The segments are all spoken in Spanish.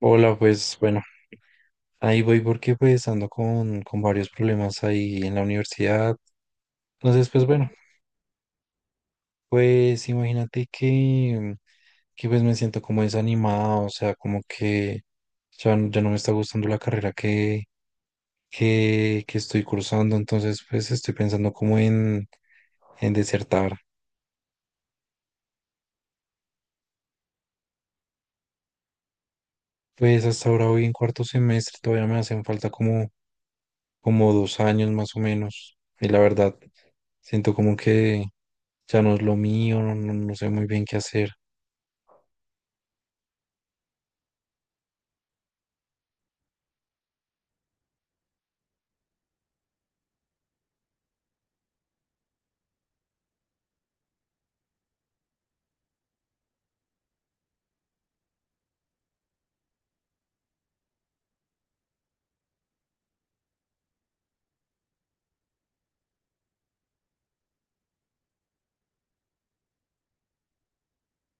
Hola, pues bueno, ahí voy porque pues ando con varios problemas ahí en la universidad. Entonces, pues bueno, pues imagínate que pues me siento como desanimado, o sea, como que ya no me está gustando la carrera que estoy cursando, entonces pues estoy pensando como en desertar. Pues hasta ahora voy en cuarto semestre, todavía me hacen falta como 2 años más o menos. Y la verdad, siento como que ya no es lo mío, no sé muy bien qué hacer.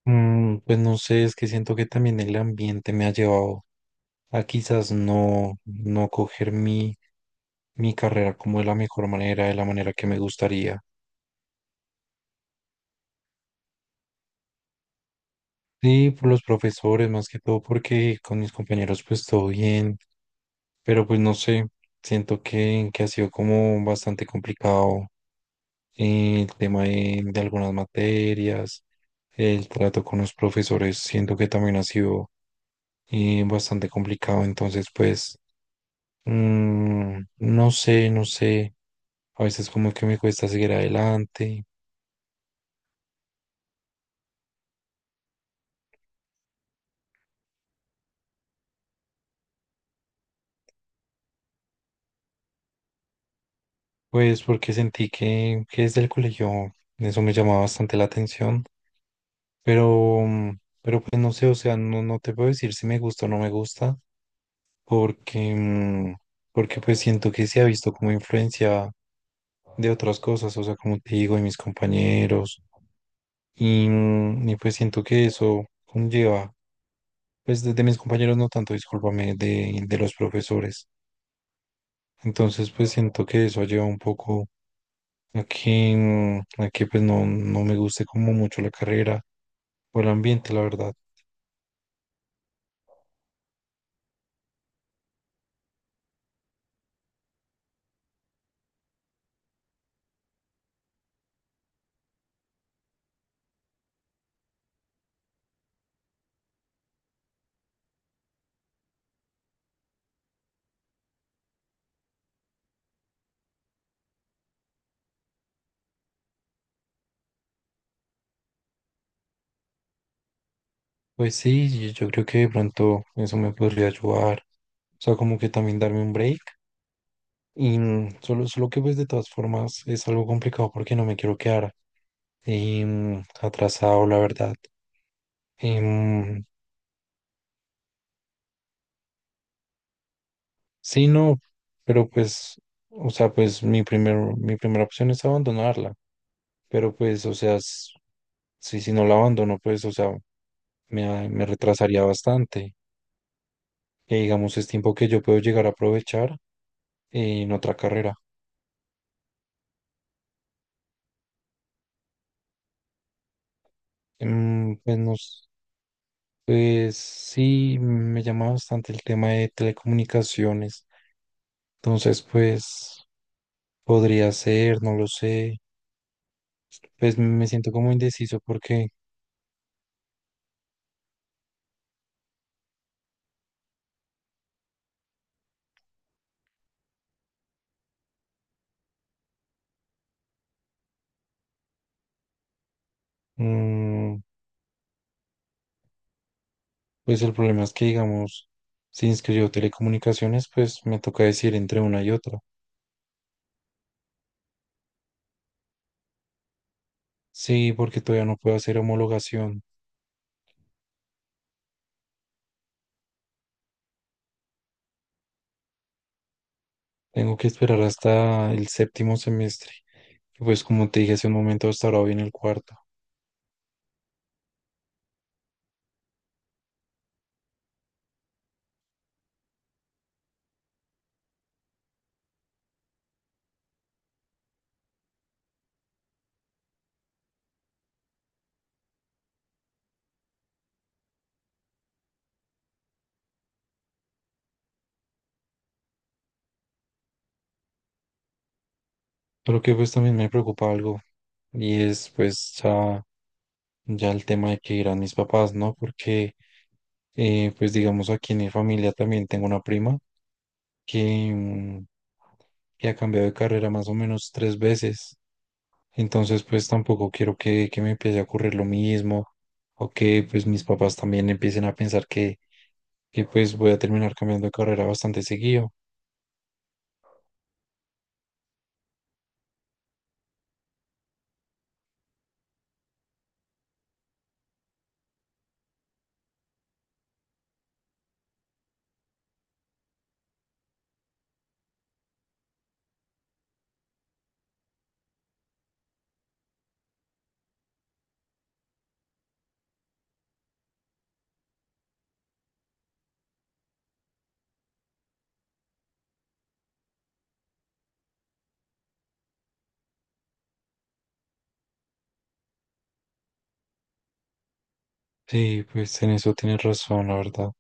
Pues no sé, es que siento que también el ambiente me ha llevado a quizás no coger mi carrera como de la mejor manera, de la manera que me gustaría. Sí, por los profesores, más que todo, porque con mis compañeros pues todo bien, pero pues no sé, siento que ha sido como bastante complicado, el tema de algunas materias. El trato con los profesores siento que también ha sido bastante complicado, entonces pues, no sé, no sé, a veces como que me cuesta seguir adelante. Pues porque sentí que desde el colegio eso me llamaba bastante la atención, pero pues no sé, o sea, no te puedo decir si me gusta o no me gusta, porque, mm, porque pues siento que se ha visto como influencia de otras cosas, o sea, como te digo, de mis compañeros. Y pues siento que eso conlleva, pues de mis compañeros no tanto, discúlpame, de los profesores. Entonces pues siento que eso lleva un poco a que pues no me guste como mucho la carrera o el ambiente, la verdad. Pues sí, yo creo que de pronto eso me podría ayudar. O sea, como que también darme un break. Y solo que pues de todas formas es algo complicado porque no me quiero quedar, atrasado, la verdad. Em, Sí, no, pero pues, o sea, pues mi primera opción es abandonarla, pero pues, o sea, si no la abandono, pues, o sea, me retrasaría bastante. Que digamos, es tiempo que yo puedo llegar a aprovechar en otra carrera. Em, pues, no s- pues sí, me llama bastante el tema de telecomunicaciones. Entonces, pues, podría ser, no lo sé. Pues me siento como indeciso porque. mm, Pues el problema es que, digamos, si inscribo telecomunicaciones, pues me toca decir entre una y otra. Sí, porque todavía no puedo hacer homologación. Tengo que esperar hasta el séptimo semestre. Y pues como te dije hace un momento, hasta ahora viene el cuarto. Pero que pues también me preocupa algo y es pues ya el tema de que irán mis papás, ¿no? Porque, pues digamos aquí en mi familia también tengo una prima que, mm, que ha cambiado de carrera más o menos tres veces. Entonces, pues tampoco quiero que me empiece a ocurrir lo mismo o que pues mis papás también empiecen a pensar que pues voy a terminar cambiando de carrera bastante seguido. Sí, pues en eso tienes razón, la verdad.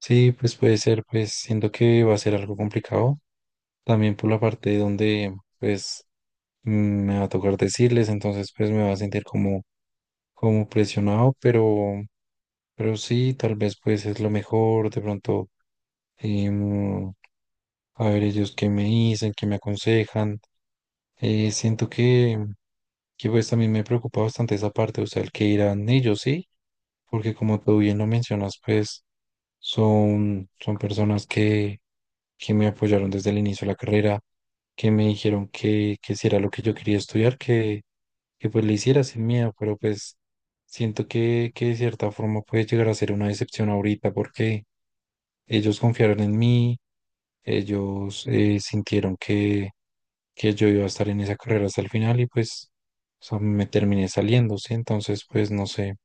Sí, pues puede ser, pues siento que va a ser algo complicado. También por la parte donde pues, mm, me va a tocar decirles, entonces pues me va a sentir como presionado, pero. Pero sí, tal vez pues es lo mejor, de pronto, em, a ver, ellos qué me dicen, qué me aconsejan. Siento que pues también me preocupa bastante esa parte, o sea, el que irán ellos, ¿sí? Porque como tú bien lo mencionas, pues son personas que me apoyaron desde el inicio de la carrera, que me dijeron que si era lo que yo quería estudiar, que pues le hiciera sin miedo, pero pues siento que de cierta forma puede llegar a ser una decepción ahorita porque ellos confiaron en mí, ellos, sintieron que yo iba a estar en esa carrera hasta el final y pues, o sea, me terminé saliendo, ¿sí? Entonces, pues no sé,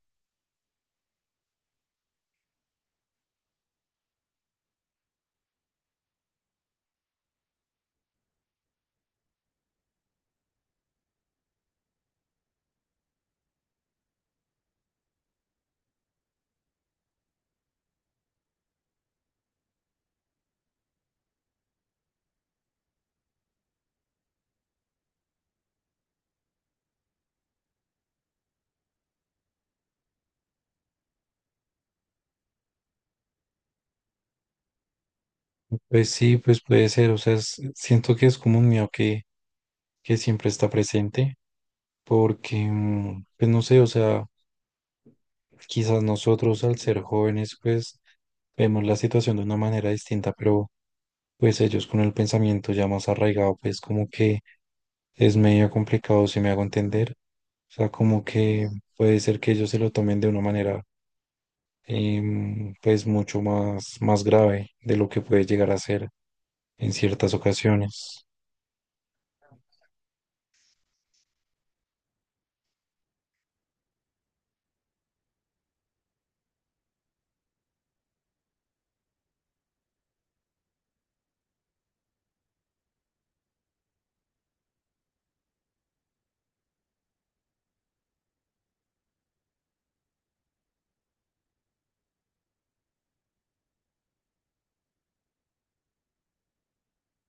pues sí, pues puede ser, o sea, siento que es como un miedo que siempre está presente, porque, pues no sé, o sea, quizás nosotros al ser jóvenes, pues vemos la situación de una manera distinta, pero pues ellos con el pensamiento ya más arraigado, pues como que es medio complicado, si me hago entender, o sea, como que puede ser que ellos se lo tomen de una manera, pues mucho más grave de lo que puede llegar a ser en ciertas ocasiones.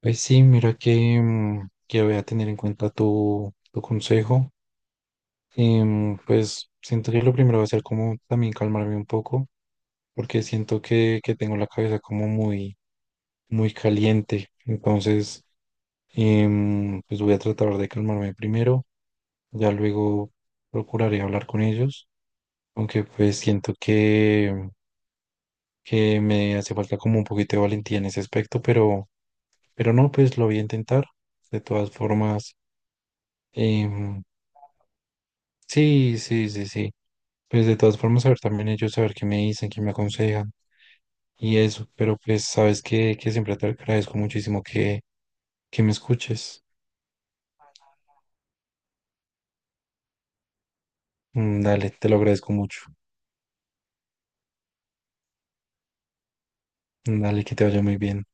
Pues sí, mira que voy a tener en cuenta tu consejo. Pues siento que lo primero va a ser como también calmarme un poco, porque siento que tengo la cabeza como muy, muy caliente. Entonces, pues voy a tratar de calmarme primero, ya luego procuraré hablar con ellos, aunque pues siento que me hace falta como un poquito de valentía en ese aspecto, pero no, pues lo voy a intentar. De todas formas, em, sí, sí, sí, sí. Pues de todas formas, saber también ellos, saber qué me dicen, qué me aconsejan y eso, pero pues sabes que siempre te agradezco muchísimo que me escuches. Dale, te lo agradezco mucho. Dale, que te vaya muy bien.